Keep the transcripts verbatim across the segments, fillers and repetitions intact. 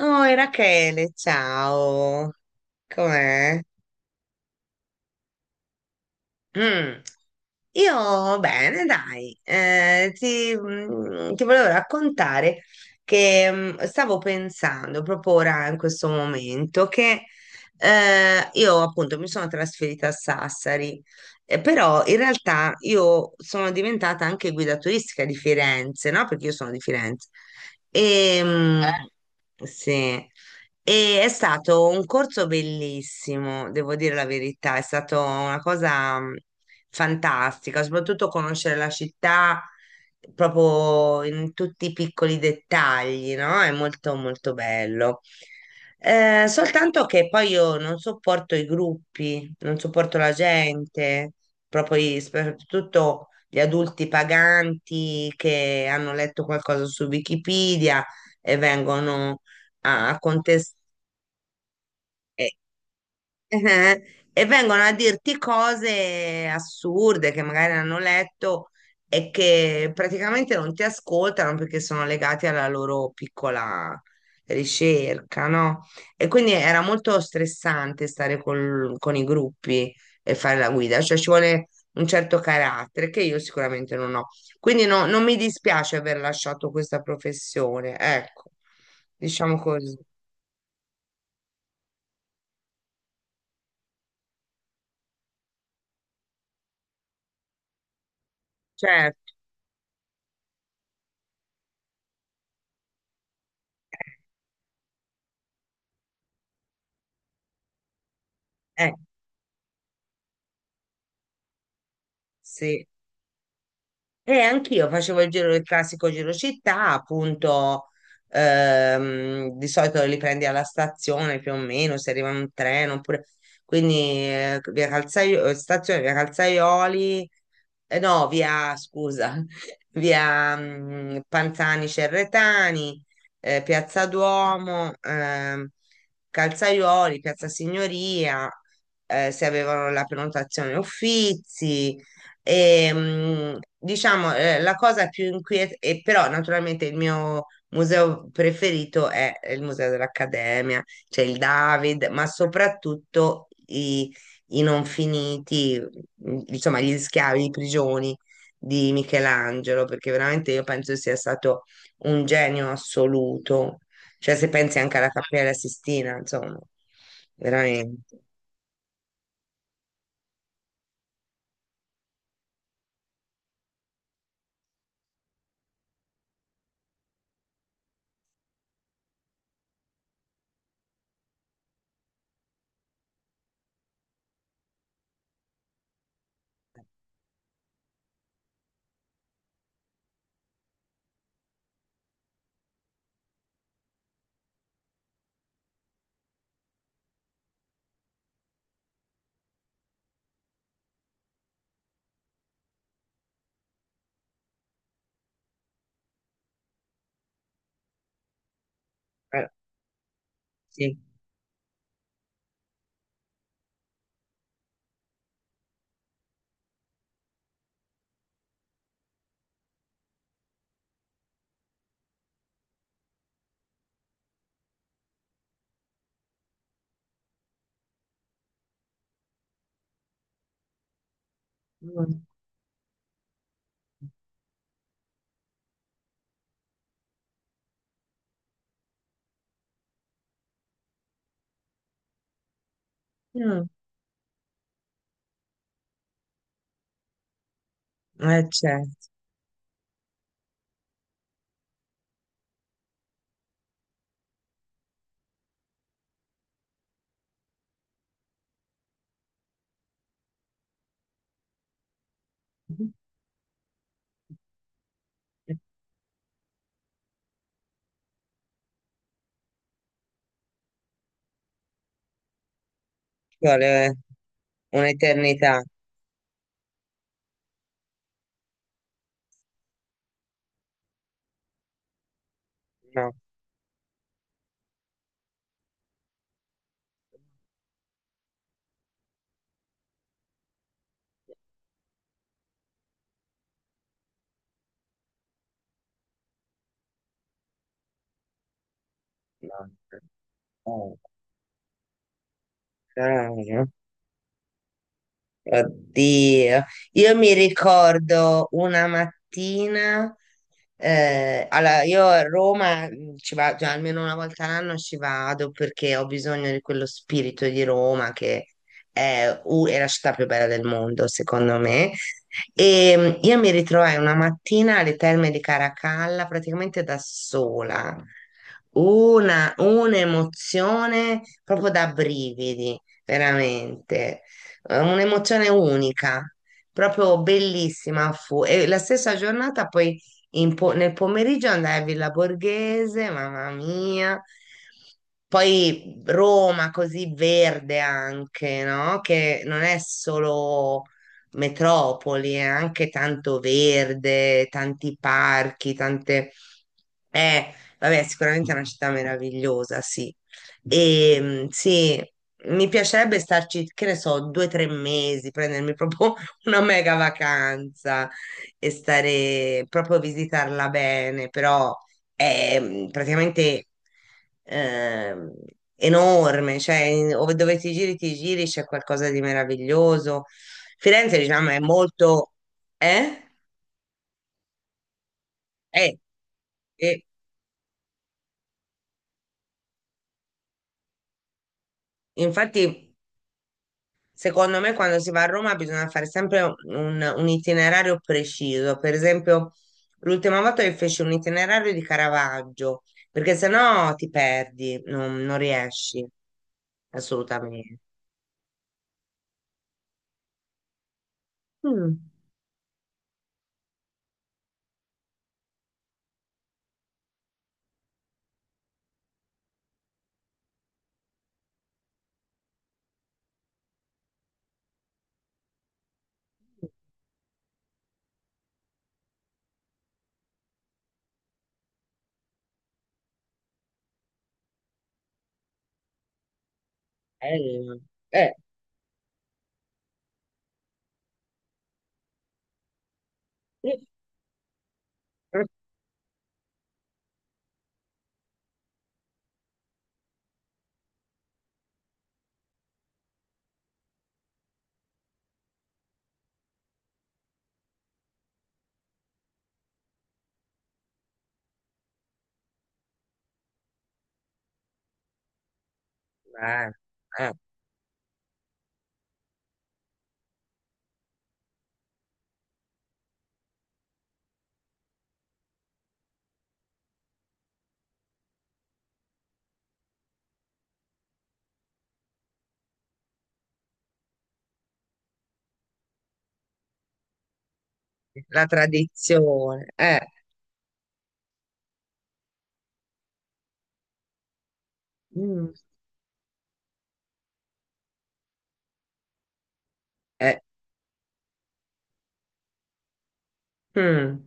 Oi Rachele, ciao, com'è? Mm. Io bene, dai. Eh, ti, mm, ti volevo raccontare che mm, stavo pensando proprio ora in questo momento che eh, io appunto mi sono trasferita a Sassari. Eh, però in realtà io sono diventata anche guida turistica di Firenze, no? Perché io sono di Firenze. E, mm, sì. E è stato un corso bellissimo, devo dire la verità, è stata una cosa mh, fantastica, soprattutto conoscere la città proprio in tutti i piccoli dettagli, no? È molto molto bello. Eh, soltanto che poi io non sopporto i gruppi, non sopporto la gente, proprio i- soprattutto gli adulti paganti che hanno letto qualcosa su Wikipedia e vengono a contestare, eh, eh, e vengono a dirti cose assurde che magari hanno letto e che praticamente non ti ascoltano perché sono legati alla loro piccola ricerca, no? E quindi era molto stressante stare col- con i gruppi e fare la guida, cioè ci vuole un certo carattere che io sicuramente non ho. Quindi no, non mi dispiace aver lasciato questa professione, ecco, diciamo così. Certo. Eh, sì. E anch'io facevo il giro, il classico giro città, appunto. Ehm, di solito li prendi alla stazione più o meno, se arriva un treno, oppure... Quindi, eh, via Calzai- eh, stazione, via Calzaioli, eh, no, via, scusa, via mm, Panzani Cerretani, eh, Piazza Duomo, ehm, Calzaioli, Piazza Signoria, eh, se avevano la prenotazione Uffizi. E, mm, diciamo, eh, la cosa più inquietante, e però naturalmente il mio museo preferito è il Museo dell'Accademia. C'è il David, ma soprattutto i, i non finiti, mh, insomma, gli schiavi, di prigioni di Michelangelo, perché veramente io penso sia stato un genio assoluto. Cioè, se pensi anche alla Cappella Sistina, insomma, veramente. Eh, sì. Mm. Mm. Eh, certo. Ci vuole un'eternità. No, no. Eh, eh, no. Oddio, io mi ricordo una mattina. Eh, allora io a Roma mh, ci vado, cioè, almeno una volta all'anno ci vado perché ho bisogno di quello spirito di Roma che è, u- è la città più bella del mondo, secondo me. E mh, io mi ritrovai una mattina alle Terme di Caracalla praticamente da sola, una, un'emozione proprio da brividi, veramente, eh, un'emozione unica, proprio bellissima fu. E la stessa giornata poi in po- nel pomeriggio andai a Villa Borghese, mamma mia. Poi Roma così verde anche, no? Che non è solo metropoli, è anche tanto verde, tanti parchi, tante, eh, vabbè, sicuramente è una città meravigliosa, sì. E mm, sì, mi piacerebbe starci, che ne so, due o tre mesi, prendermi proprio una mega vacanza e stare proprio a visitarla bene, però è mm, praticamente ehm, enorme, cioè, in- ov- dove ti giri, ti giri, c'è qualcosa di meraviglioso. Firenze, diciamo, è molto... Eh? Eh, e infatti secondo me, quando si va a Roma bisogna fare sempre un, un itinerario preciso. Per esempio, l'ultima volta che feci un itinerario di Caravaggio, perché sennò ti perdi, non, non riesci assolutamente. Mm. Bello. Eh. Sì. Eh, eh. La tradizione. Eh. Mm. Eh. Mm.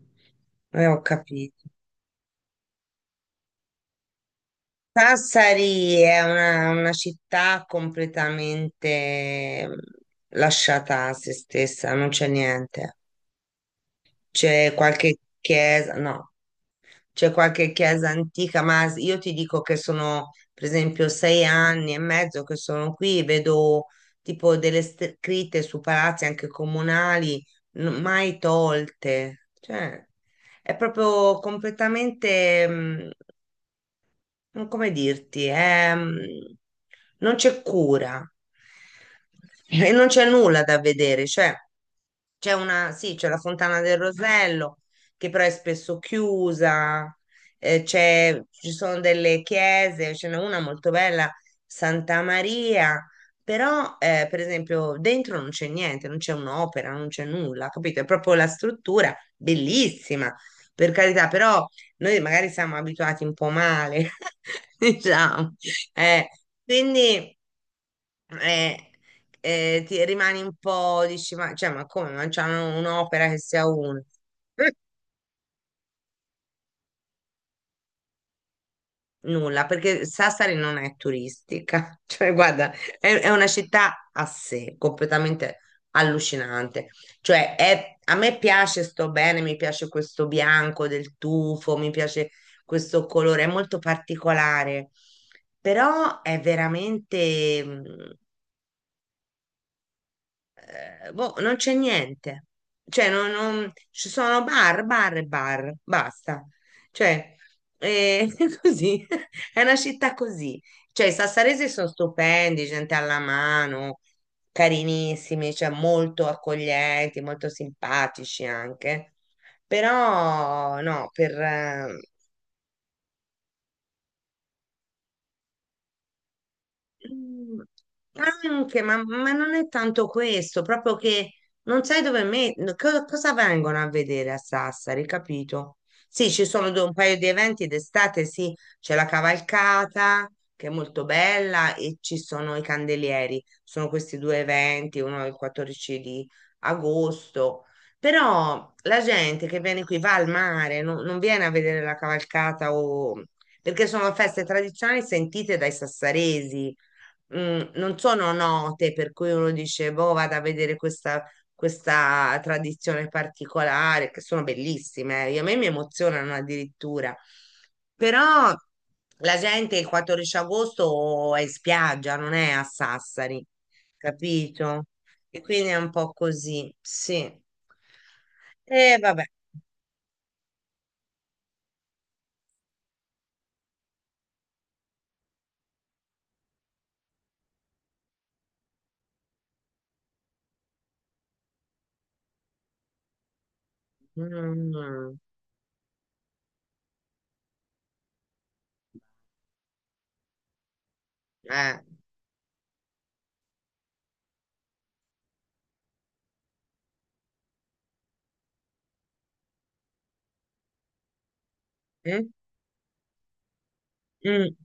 Eh, ho capito. Sassari è una, una città completamente, mm, lasciata a se stessa, non c'è niente. C'è qualche chiesa, no, c'è qualche chiesa antica, ma s- io ti dico che sono, per esempio, sei anni e mezzo che sono qui, vedo tipo delle st- scritte su palazzi anche comunali, n- mai tolte. Cioè, è proprio completamente... mm, non come dirti, è, mm, non c'è cura e non c'è nulla da vedere, cioè c'è una, sì, c'è la Fontana del Rosello, che però è spesso chiusa. Eh, c'è- ci sono delle chiese, ce n'è una molto bella, Santa Maria, però eh, per esempio dentro non c'è niente, non c'è un'opera, non c'è nulla, capito? È proprio la struttura, bellissima, per carità, però noi magari siamo abituati un po' male, diciamo. eh, quindi eh, eh, ti rimani un po', dici, ma, cioè, ma come, ma c'hanno un'opera che sia una? Nulla, perché Sassari non è turistica, cioè guarda, è, è una città a sé, completamente allucinante. Cioè, è- a me piace, sto bene, mi piace questo bianco del tufo, mi piace questo colore, è molto particolare, però è veramente... eh, boh, non c'è niente. Cioè, non, non- ci sono bar, bar e bar, basta. Cioè, eh, è così, è una città così. Cioè, i sassaresi sono stupendi, gente alla mano, carinissimi, cioè molto accoglienti, molto simpatici anche. Però, no, per... Mm, anche, ma, ma non è tanto questo, proprio che non sai dove me, co- cosa vengono a vedere a Sassari, capito? Sì, ci sono due- un paio di eventi d'estate, sì, c'è la cavalcata che è molto bella e ci sono i candelieri, sono questi due eventi, uno il quattordici di agosto, però la gente che viene qui va al mare, non non viene a vedere la cavalcata, o perché sono feste tradizionali sentite dai sassaresi, mm, non sono note, per cui uno dice, boh, vado a vedere questa, questa tradizione particolare, che sono bellissime. Eh, io- a me mi emozionano addirittura. Però la gente il quattordici agosto è in spiaggia, non è a Sassari, capito? E quindi è un po' così, sì. E vabbè. Mm. eh, mm, mm.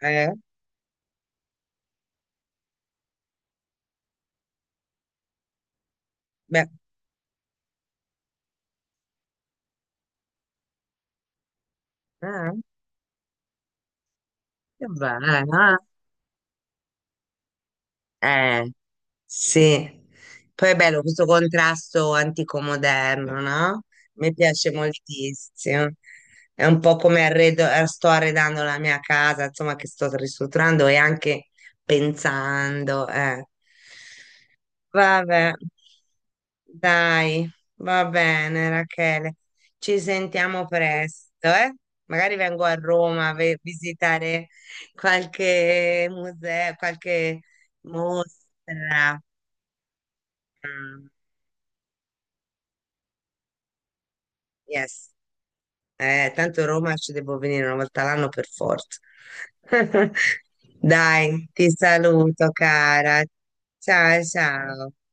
eh, beh. eh, che bello, eh. Eh. Sì, poi è bello questo contrasto antico-moderno, no? Mi piace moltissimo. È un po' come arredo, eh, sto arredando la mia casa, insomma, che sto ristrutturando e anche pensando. Eh. Vabbè, dai, va bene, Rachele. Ci sentiamo presto, eh? Magari vengo a Roma a ve- visitare qualche museo, qualche mostra. Ah, Yes. Eh, tanto Roma ci devo venire una volta all'anno per forza. Dai, ti saluto, cara. Ciao, ciao.